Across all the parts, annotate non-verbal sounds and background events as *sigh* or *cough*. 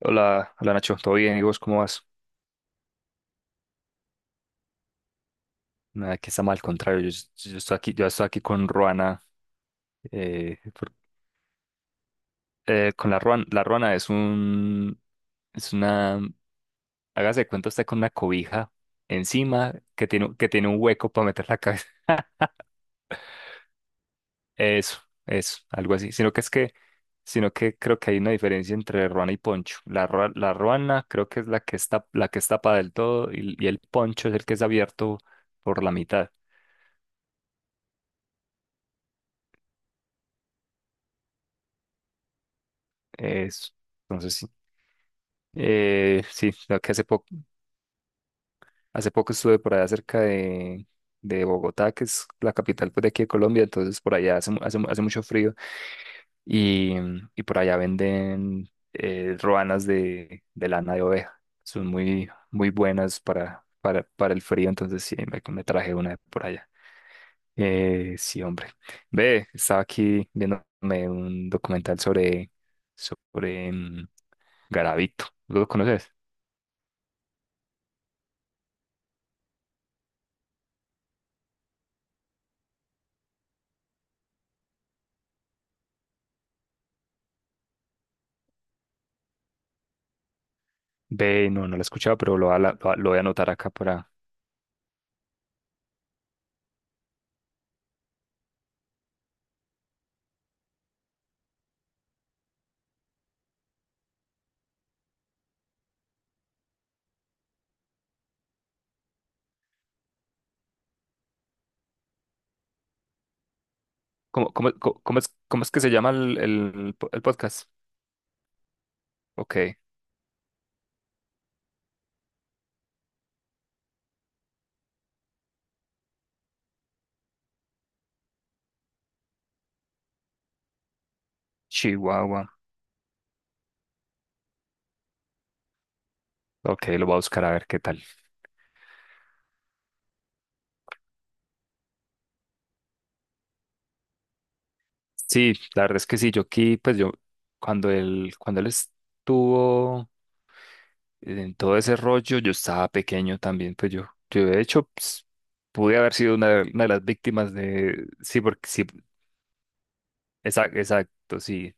Hola, hola Nacho, ¿todo bien? ¿Y vos cómo vas? Nada, que está mal, al contrario, yo, yo estoy aquí con Ruana. eh, por- con la Ruana es un, es una, hágase de cuenta usted con una cobija encima que tiene un hueco para meter la cabeza. *laughs* eso, eso, algo así, sino que es que, sino que creo que hay una diferencia entre Ruana y Poncho. La la Ruana creo que es la que está para del todo, y el Poncho es el que es abierto por la mitad, eso. Entonces, sí. la que hace poco, Hace poco estuve por allá cerca de Bogotá, que es la capital, pues, de aquí de Colombia. Entonces por allá hace mucho frío, y, y por allá venden roanas de lana de oveja. Son muy, muy buenas para el frío. Entonces sí, me traje una de por allá. Sí, hombre. Ve, estaba aquí viéndome un documental sobre Garavito. ¿Lo conoces? Ve, no, no lo he escuchado, pero lo voy a anotar acá para... ¿Cómo es que se llama el podcast? Ok. Chihuahua. Ok, lo voy a buscar a ver qué tal. Sí, la verdad es que sí. Yo aquí, pues yo, cuando él estuvo en todo ese rollo, yo estaba pequeño también. Pues yo, de hecho, pues, pude haber sido de una de las víctimas, de, sí, porque sí, exacto, sí,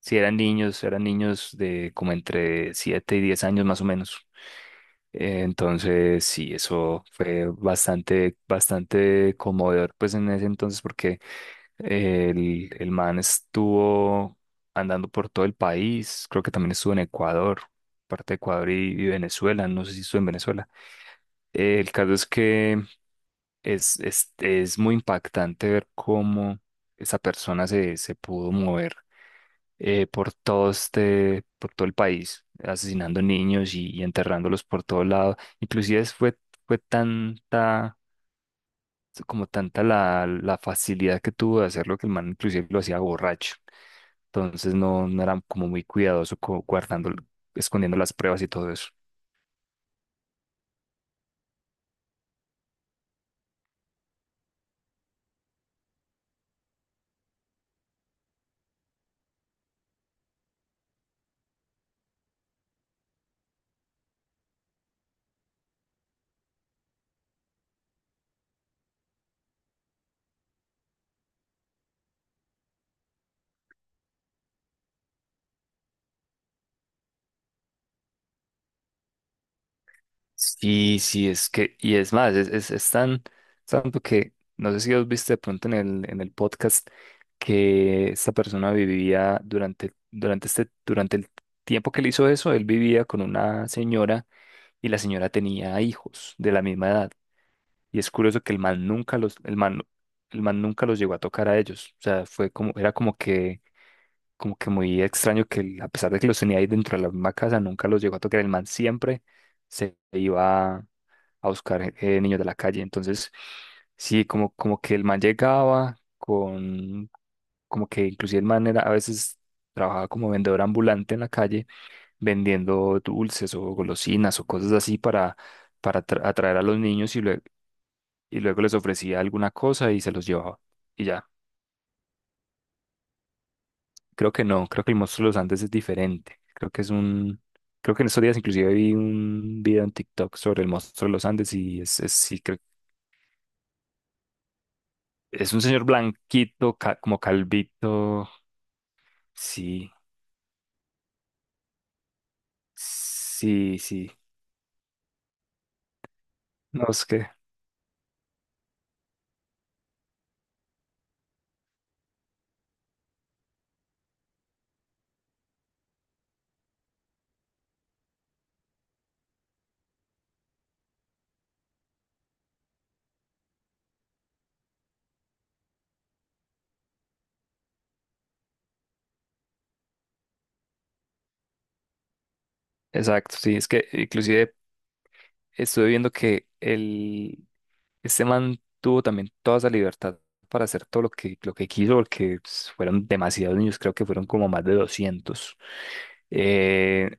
sí, eran niños de como entre 7 y 10 años, más o menos. Entonces, sí, eso fue bastante, bastante conmovedor, pues en ese entonces, porque el man estuvo andando por todo el país. Creo que también estuvo en Ecuador, parte de Ecuador y Venezuela. No sé si estuvo en Venezuela. El caso es que es muy impactante ver cómo esa persona se pudo mover, por todo el país, asesinando niños, y enterrándolos por todo lado. Inclusive fue tanta, como tanta la facilidad que tuvo de hacerlo, que el man inclusive lo hacía borracho. Entonces no, no era como muy cuidadoso, guardando, escondiendo las pruebas y todo eso. Sí, sí, es que, y es más, es tan, tanto que, no sé si os viste de pronto en el, podcast, que esta persona vivía durante el tiempo que él hizo eso. Él vivía con una señora y la señora tenía hijos de la misma edad. Y es curioso que el man nunca los llegó a tocar a ellos. O sea, fue como, era como que muy extraño que él, a pesar de que los tenía ahí dentro de la misma casa, nunca los llegó a tocar. El man siempre se iba a buscar, niños de la calle. Entonces, sí, como que el man llegaba con, como que inclusive el man era, a veces, trabajaba como vendedor ambulante en la calle, vendiendo dulces o golosinas o cosas así, atraer a los niños, y luego les ofrecía alguna cosa y se los llevaba. Y ya, creo que no. Creo que el monstruo de los Andes es diferente. Creo que es un... Creo que en estos días inclusive vi un video en TikTok sobre el monstruo de los Andes, y sí, creo. Es un señor blanquito, como calvito. Sí, sí, sí. No, es que, exacto, sí. Es que inclusive estuve viendo que este man tuvo también toda esa libertad para hacer todo lo que quiso, porque, pues, fueron demasiados niños, creo que fueron como más de 200. Eh,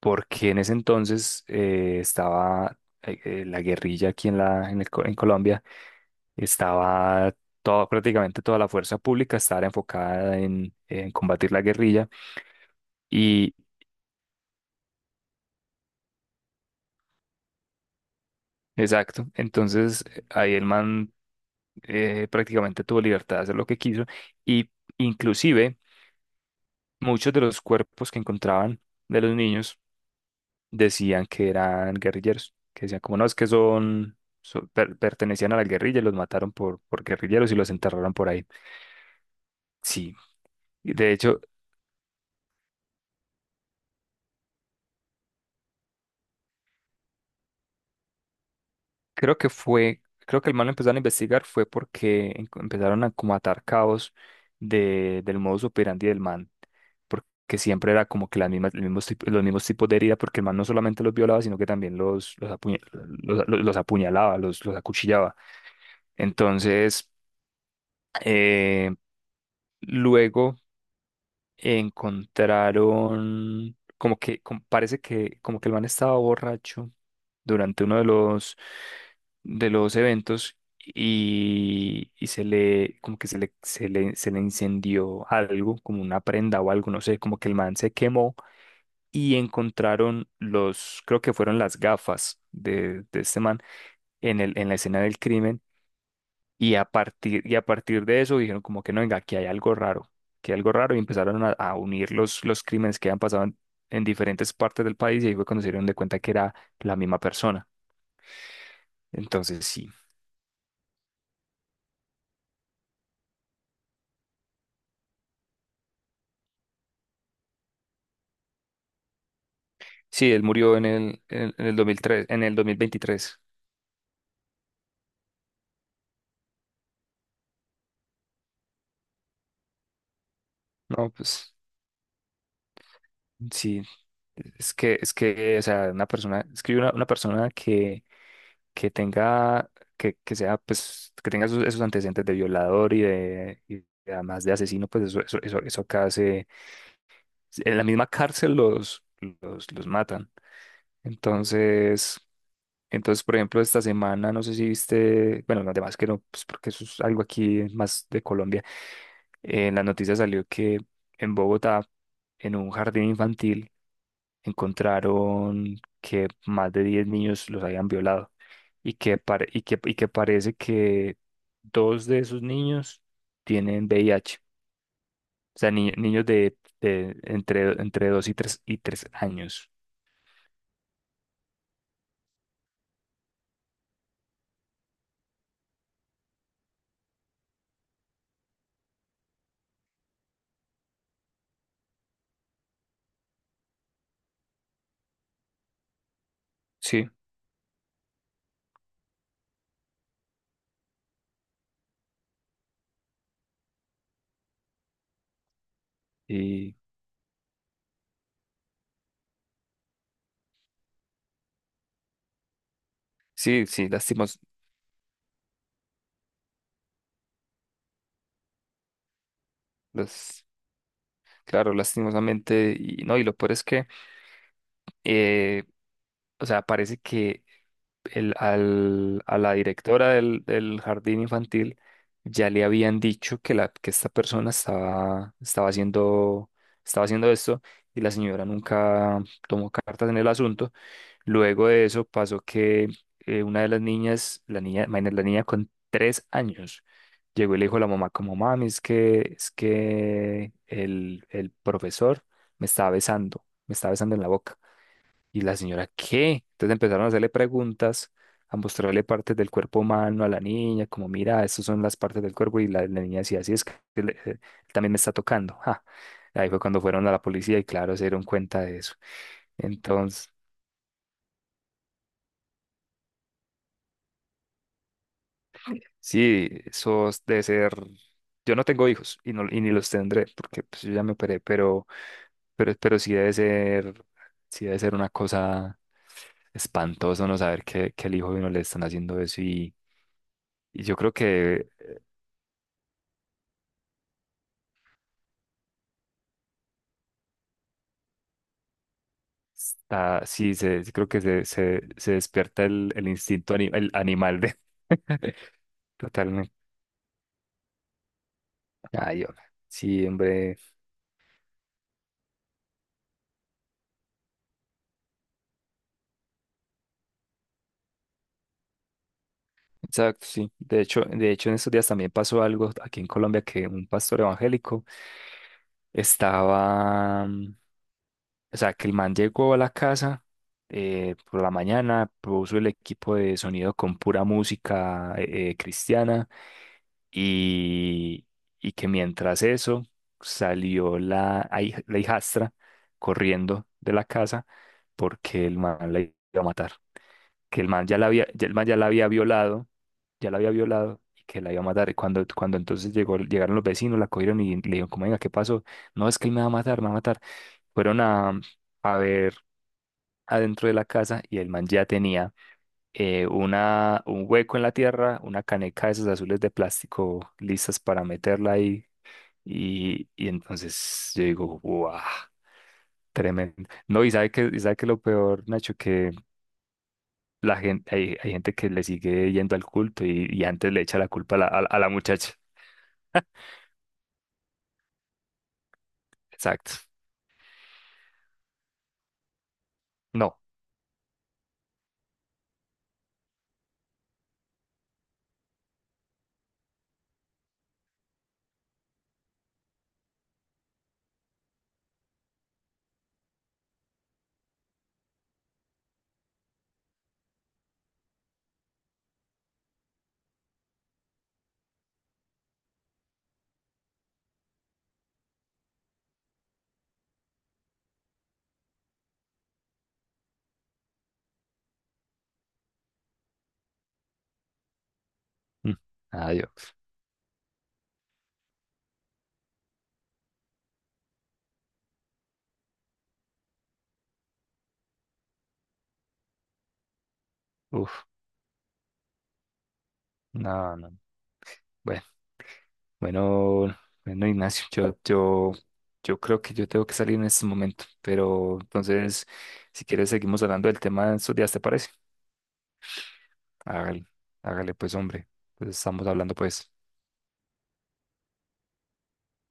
Porque en ese entonces, estaba la guerrilla aquí en, la, en, el co- en Colombia. Estaba toda, prácticamente toda la fuerza pública estaba enfocada en combatir la guerrilla. Y exacto, entonces, ahí el man, prácticamente tuvo libertad de hacer lo que quiso. Y inclusive muchos de los cuerpos que encontraban de los niños decían que eran guerrilleros, que decían como no, es que son, pertenecían a la guerrilla, y los mataron por guerrilleros, y los enterraron por ahí. Sí. Y de hecho, creo que el mal lo empezaron a investigar, fue porque empezaron a como atar cabos de, del modus operandi del man, porque siempre era como que las mismas, los mismos, tip- los mismos tipos de herida, porque el man no solamente los violaba, sino que también los apuñalaba, los acuchillaba. Entonces, eh, luego encontraron, parece que como que el man estaba borracho durante uno de los eventos, y se le, como que se le, se le, se le incendió algo, como una prenda o algo, no sé, como que el man se quemó, y encontraron los, creo que fueron las gafas de este man en el, en la escena del crimen, y a partir de eso dijeron como que no, venga, aquí hay algo raro, que algo raro, y empezaron a unir los crímenes que habían pasado en diferentes partes del país. Y ahí fue cuando se dieron de cuenta que era la misma persona. Entonces, sí. Sí, él murió en el, en el 2003, en el 2023. No, pues sí, es que, o sea, una persona, es que una persona que tenga, que sea, pues, que tenga esos antecedentes de violador y, de además de asesino, pues eso acá se, en la misma cárcel los matan. Entonces, por ejemplo, esta semana, no sé si viste, bueno, además que no, pues porque eso es algo aquí más de Colombia. En la noticia salió que en Bogotá, en un jardín infantil, encontraron que más de 10 niños los habían violado, y que parece que dos de esos niños tienen VIH. O sea, niños de entre 2 y 3 y 3 años. Sí, y sí, sí, las- claro, lastimosamente. Y no, y lo peor es que, eh, o sea, parece que a la directora del jardín infantil ya le habían dicho que, que esta persona estaba, estaba haciendo esto, y la señora nunca tomó cartas en el asunto. Luego de eso pasó que, una de las niñas, la niña, imagínate, la niña con 3 años, llegó y le dijo a la mamá, como, mami, es que, el profesor me estaba besando en la boca. Y la señora, ¿qué? Entonces empezaron a hacerle preguntas, a mostrarle partes del cuerpo humano a la niña, como, mira, estas son las partes del cuerpo. Y la niña decía, así es que él también me está tocando. Ja. Ahí fue cuando fueron a la policía, y claro, se dieron cuenta de eso. Entonces, sí, eso debe ser... Yo no tengo hijos, y no, y ni los tendré porque, pues, yo ya me operé. Pero, sí debe ser una cosa espantoso, no saber que, el hijo de uno le están haciendo eso, y yo creo que... Ah, sí, se, creo que se despierta el instinto ani- el animal de... *laughs* Totalmente. Ay, hombre. Sí, hombre. Exacto, sí. De hecho, en estos días también pasó algo aquí en Colombia, que un pastor evangélico estaba, o sea, que el man llegó a la casa, por la mañana, puso el equipo de sonido con pura música, cristiana. y, y que mientras eso salió la hijastra corriendo de la casa, porque el man la iba a matar, que el man ya la había violado, y que la iba a matar. Y cuando entonces llegó, llegaron los vecinos, la cogieron y le dijeron, como, venga, ¿qué pasó? No, es que él me va a matar, me va a matar. Fueron a ver adentro de la casa, y el man ya tenía, una, un hueco en la tierra, una caneca de esas azules de plástico listas para meterla ahí. Y entonces yo digo, ¡guau! Tremendo. No, y sabe que, lo peor, Nacho, que la gente, hay gente que le sigue yendo al culto, y antes le echa la culpa a la, a la muchacha. Exacto. No. Mm. Adiós. Uf, no, no. Bueno, bueno, bueno, Ignacio, yo creo que yo tengo que salir en este momento, pero entonces, si quieres, seguimos hablando del tema en estos días, ¿te parece? Hágale, hágale, pues, hombre. Pues estamos hablando, pues.